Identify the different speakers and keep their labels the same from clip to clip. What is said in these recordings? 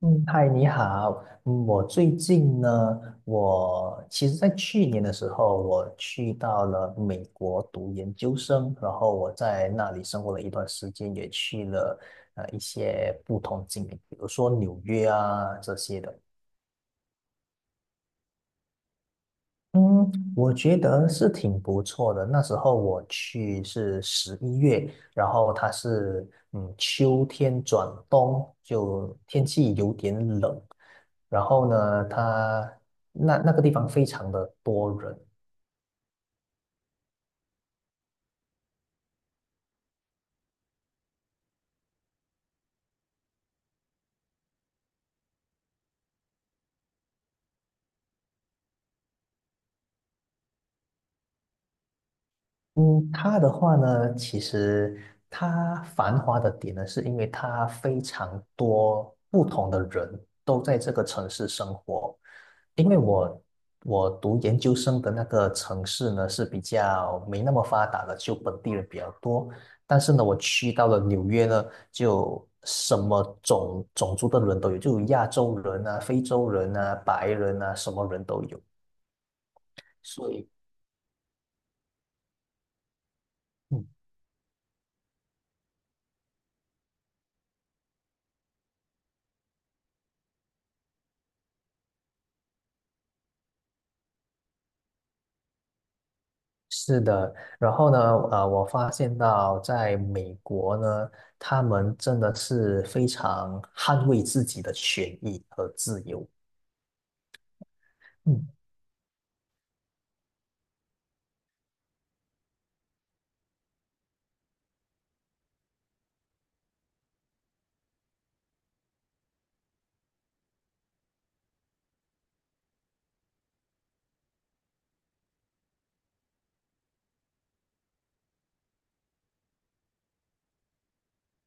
Speaker 1: 嗯，嗨，你好。嗯，我最近呢，我其实在去年的时候，我去到了美国读研究生，然后我在那里生活了一段时间，也去了一些不同景点，比如说纽约啊这些的。嗯，我觉得是挺不错的。那时候我去是11月，然后它是秋天转冬，就天气有点冷。然后呢，它那个地方非常的多人，嗯，它的话呢，其实它繁华的点呢，是因为它非常多不同的人都在这个城市生活。因为我读研究生的那个城市呢是比较没那么发达的，就本地人比较多。但是呢，我去到了纽约呢，就什么种种族的人都有，就有亚洲人啊、非洲人啊、白人啊，什么人都有，所以。嗯。是的，然后呢，我发现到在美国呢，他们真的是非常捍卫自己的权益和自由。嗯，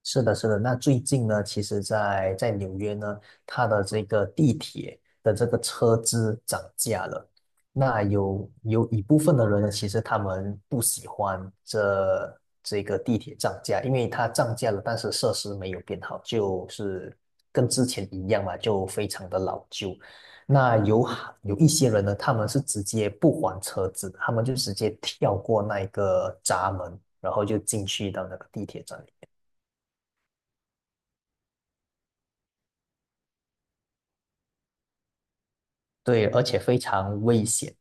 Speaker 1: 是的，是的。那最近呢，其实在纽约呢，它的这个地铁的这个车资涨价了。那有一部分的人呢，其实他们不喜欢这个地铁涨价，因为它涨价了，但是设施没有变好，就是跟之前一样嘛，就非常的老旧。那有好有一些人呢，他们是直接不还车资的，他们就直接跳过那一个闸门，然后就进去到那个地铁站里。对，而且非常危险。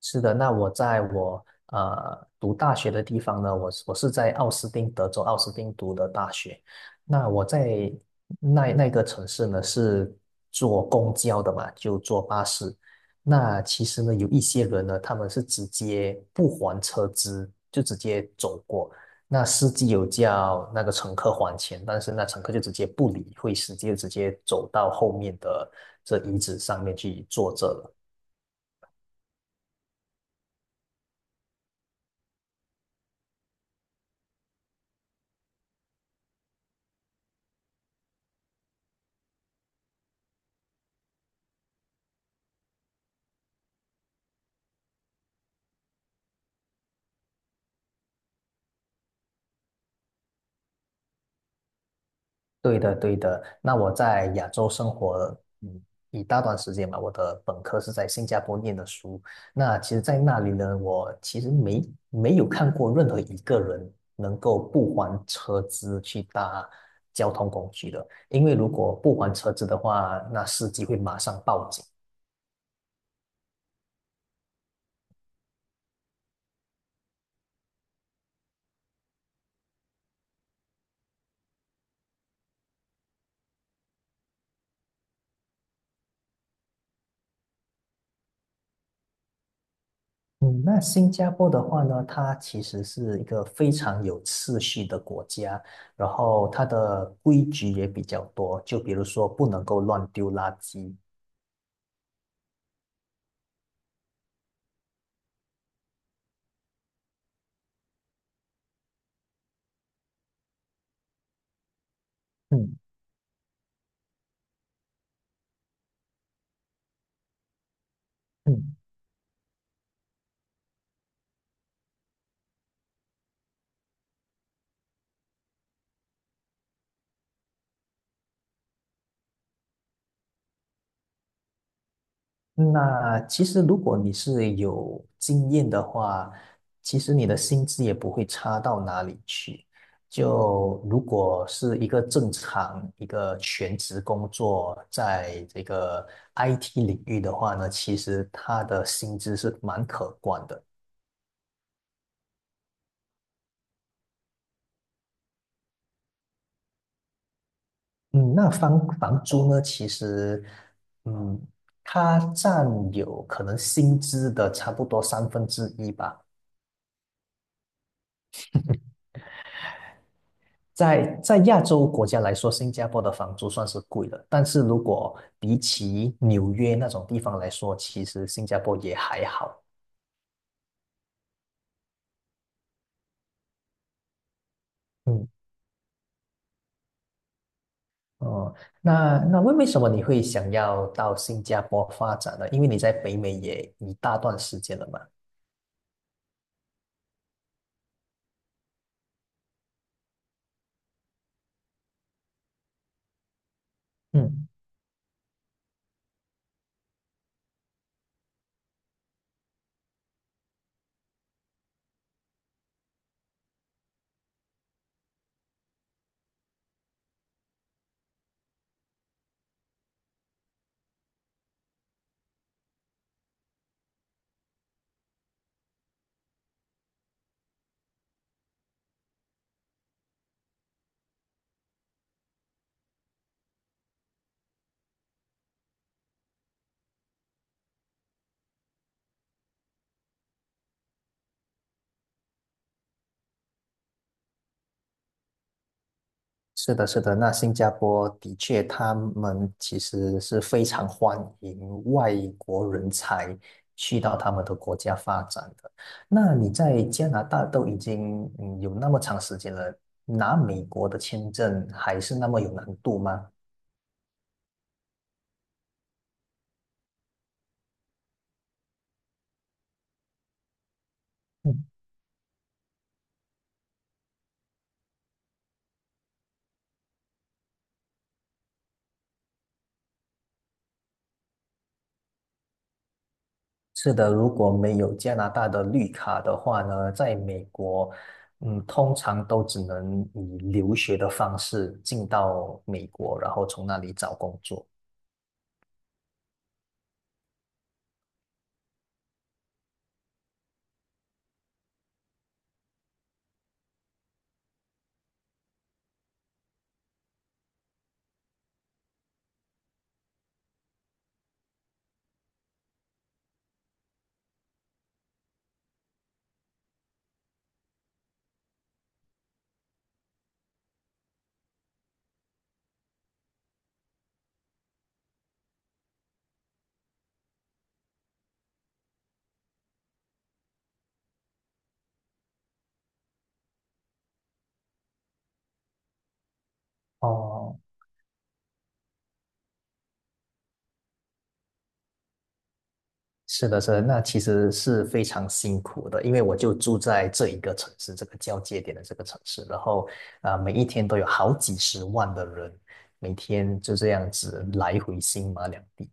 Speaker 1: 是的，那我在读大学的地方呢，我是在奥斯汀，德州奥斯汀读的大学。那我在那个城市呢，是坐公交的嘛，就坐巴士。那其实呢，有一些人呢，他们是直接不还车资，就直接走过。那司机有叫那个乘客还钱，但是那乘客就直接不理会，司机就直接走到后面的这椅子上面去坐着了。对的，对的。那我在亚洲生活嗯一大段时间嘛，我的本科是在新加坡念的书。那其实，在那里呢，我其实没有看过任何一个人能够不还车资去搭交通工具的，因为如果不还车资的话，那司机会马上报警。嗯，那新加坡的话呢，它其实是一个非常有秩序的国家，然后它的规矩也比较多，就比如说不能够乱丢垃圾。嗯嗯，那其实如果你是有经验的话，其实你的薪资也不会差到哪里去。就如果是一个正常一个全职工作，在这个 IT 领域的话呢，其实它的薪资是蛮可观的。嗯，那房租呢？其实，嗯，它占有可能薪资的差不多三分之一吧。在亚洲国家来说，新加坡的房租算是贵的，但是如果比起纽约那种地方来说，其实新加坡也还好。嗯，哦，那为什么你会想要到新加坡发展呢？因为你在北美也一大段时间了嘛。嗯是的，是的，那新加坡的确，他们其实是非常欢迎外国人才去到他们的国家发展的。那你在加拿大都已经有那么长时间了，拿美国的签证还是那么有难度吗？嗯，是的，如果没有加拿大的绿卡的话呢，在美国，通常都只能以留学的方式进到美国，然后从那里找工作。哦，是的，是的，那其实是非常辛苦的，因为我就住在这一个城市，这个交界点的这个城市，然后啊每一天都有好几十万的人，每天就这样子来回新马两地。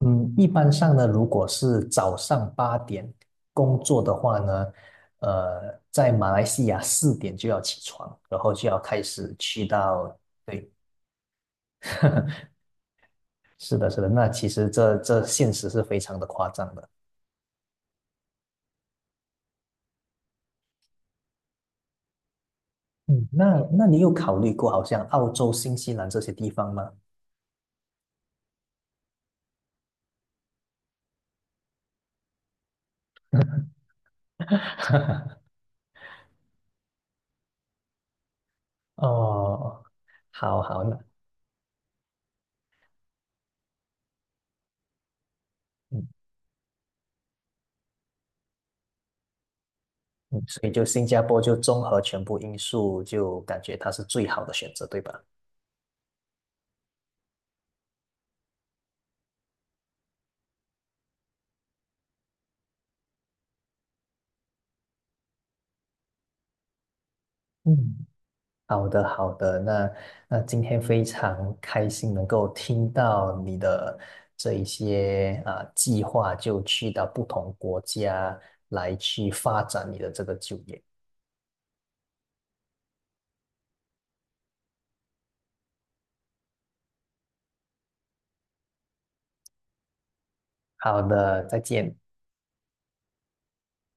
Speaker 1: 嗯，一般上呢，如果是早上8点工作的话呢，呃，在马来西亚4点就要起床，然后就要开始去到，是的，是的，那其实这这现实是非常的夸张的。嗯，那你有考虑过好像澳洲、新西兰这些地方吗？哦，好好，那嗯嗯，所以就新加坡就综合全部因素，就感觉它是最好的选择，对吧？嗯，好的，好的。那今天非常开心能够听到你的这一些啊、计划，就去到不同国家来去发展你的这个就业。好的，再见。